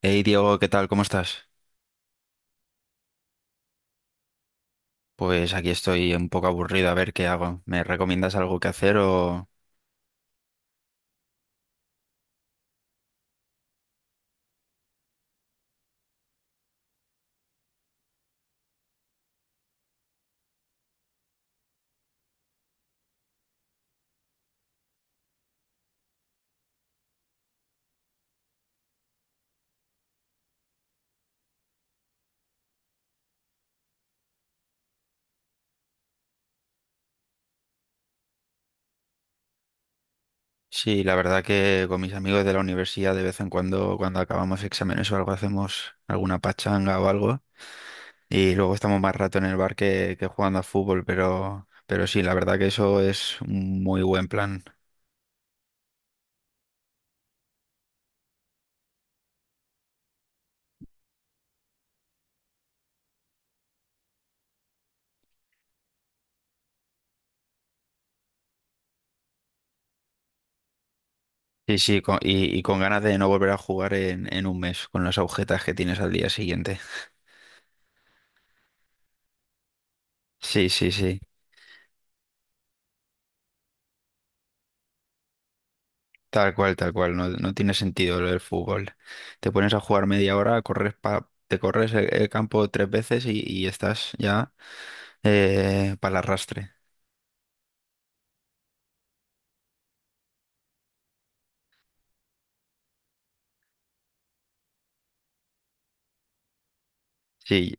Hey Diego, ¿qué tal? ¿Cómo estás? Pues aquí estoy un poco aburrido, a ver qué hago. ¿Me recomiendas algo que hacer o...? Sí, la verdad que con mis amigos de la universidad de vez en cuando, cuando acabamos exámenes o algo, hacemos alguna pachanga o algo. Y luego estamos más rato en el bar que jugando a fútbol, pero sí, la verdad que eso es un muy buen plan. Sí, sí, y con ganas de no volver a jugar en un mes, con las agujetas que tienes al día siguiente. Sí, sí, sí. Tal cual, no, no tiene sentido lo del fútbol. Te pones a jugar media hora, te corres el campo tres veces y estás ya para el arrastre. Sí,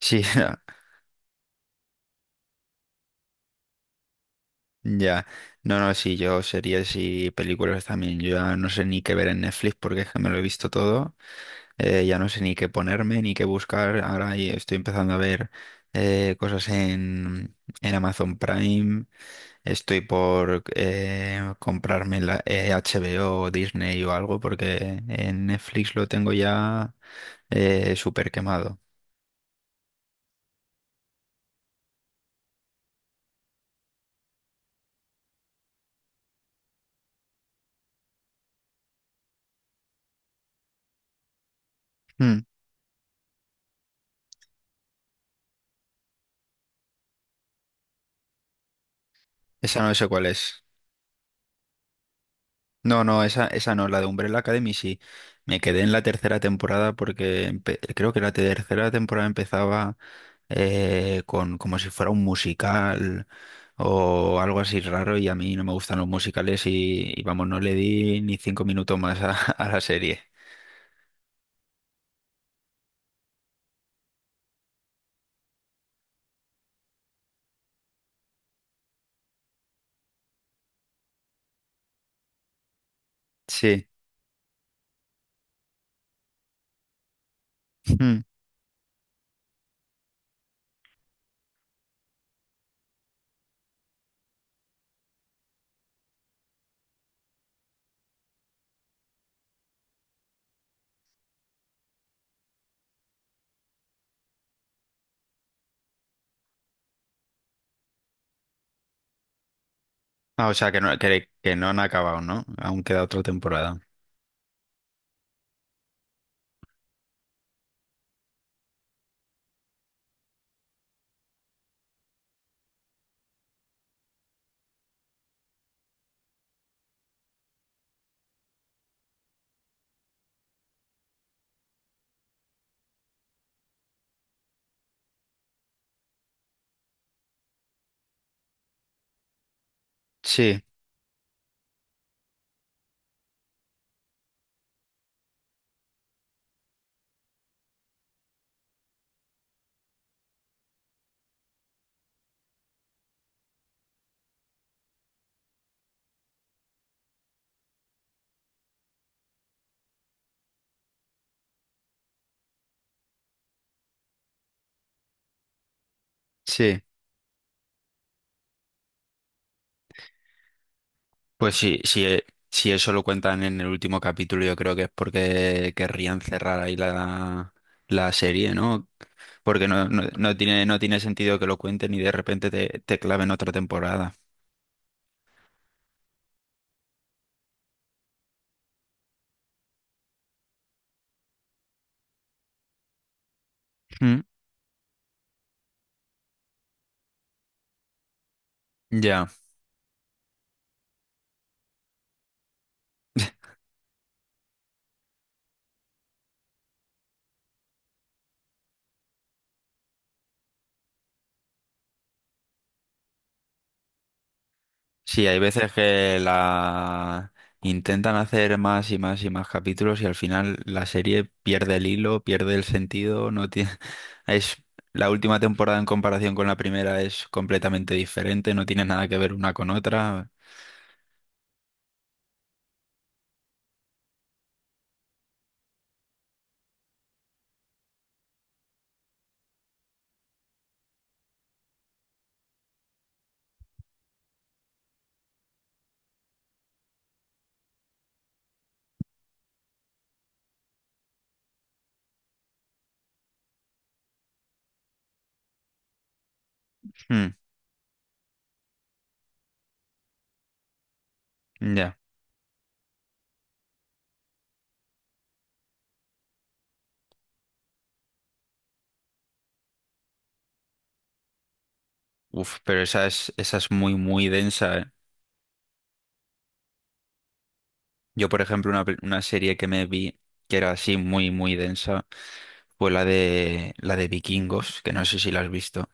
sí, ya. Ya. No, no, sí, yo series y películas también. Yo ya no sé ni qué ver en Netflix porque es que me lo he visto todo. Ya no sé ni qué ponerme, ni qué buscar. Ahora y estoy empezando a ver cosas en Amazon Prime. Estoy por comprarme la HBO o Disney o algo porque en Netflix lo tengo ya súper quemado. Mm. Esa no sé cuál es. No, no, esa no, la de Umbrella Academy sí. Me quedé en la tercera temporada porque creo que la tercera temporada empezaba con como si fuera un musical o algo así raro y a mí no me gustan los musicales y vamos, no le di ni cinco minutos más a, a la serie. Sí. Ah, o sea, que no han acabado, ¿no? Aún queda otra temporada. Sí, sí. Pues sí, sí, si eso lo cuentan en el último capítulo, yo creo que es porque querrían cerrar ahí la serie, ¿no? Porque no, no, no tiene, no tiene sentido que lo cuenten y de repente te, te claven otra temporada. Mm. Ya. Sí, hay veces que la intentan hacer más y más y más capítulos y al final la serie pierde el hilo, pierde el sentido, no tiene es la última temporada en comparación con la primera es completamente diferente, no tiene nada que ver una con otra. Hmm, ya. Uf, pero esa es muy muy densa, ¿eh? Yo, por ejemplo, una serie que me vi que era así muy muy densa fue la de Vikingos, que no sé si la has visto.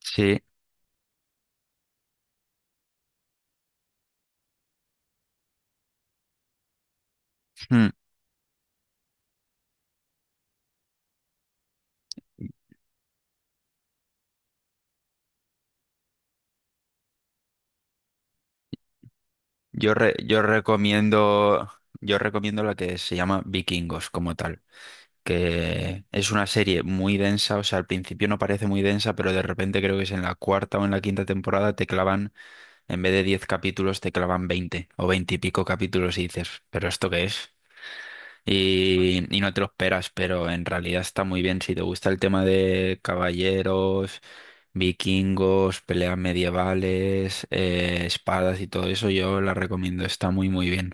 Sí. Hmm. Yo, yo recomiendo la que se llama Vikingos como tal, que es una serie muy densa, o sea, al principio no parece muy densa, pero de repente creo que es en la cuarta o en la quinta temporada te clavan, en vez de 10 capítulos, te clavan 20 o 20 y pico capítulos y dices, ¿pero esto qué es? Y, y no te lo esperas, pero en realidad está muy bien. Si te gusta el tema de caballeros, vikingos, peleas medievales, espadas y todo eso, yo la recomiendo. Está muy, muy bien.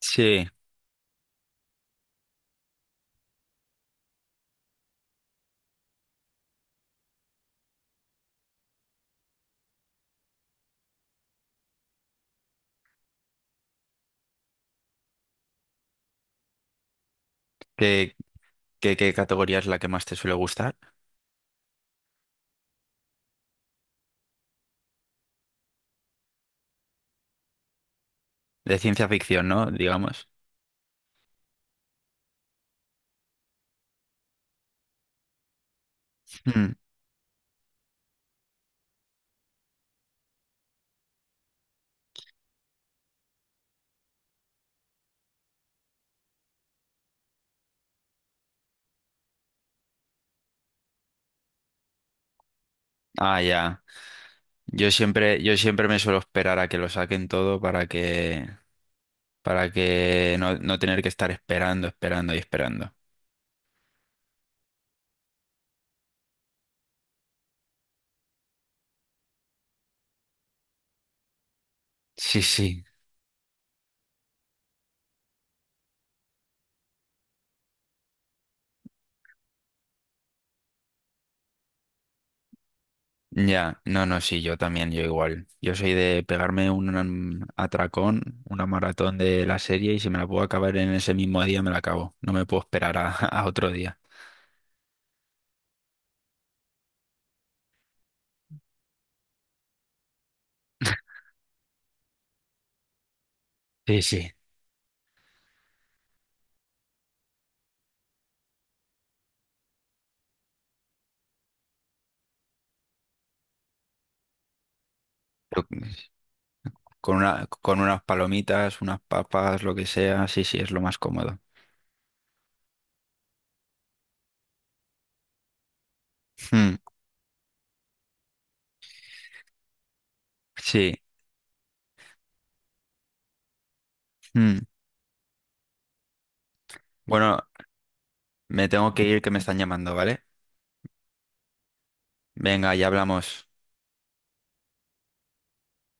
Sí. ¿Qué, qué categoría es la que más te suele gustar? De ciencia ficción, ¿no? Digamos. Mm. Ah, ya. Yo siempre me suelo esperar a que lo saquen todo para que no, no tener que estar esperando, esperando y esperando. Sí, sí. Ya, no, no, sí, yo también, yo igual. Yo soy de pegarme un atracón, una maratón de la serie y si me la puedo acabar en ese mismo día me la acabo. No me puedo esperar a, a otro día. Sí, sí. Pero con una, con unas palomitas, unas papas, lo que sea, sí, sí, es lo más cómodo. Mm, sí. Mm. Bueno, me tengo que ir que me están llamando, ¿vale? Venga, ya hablamos.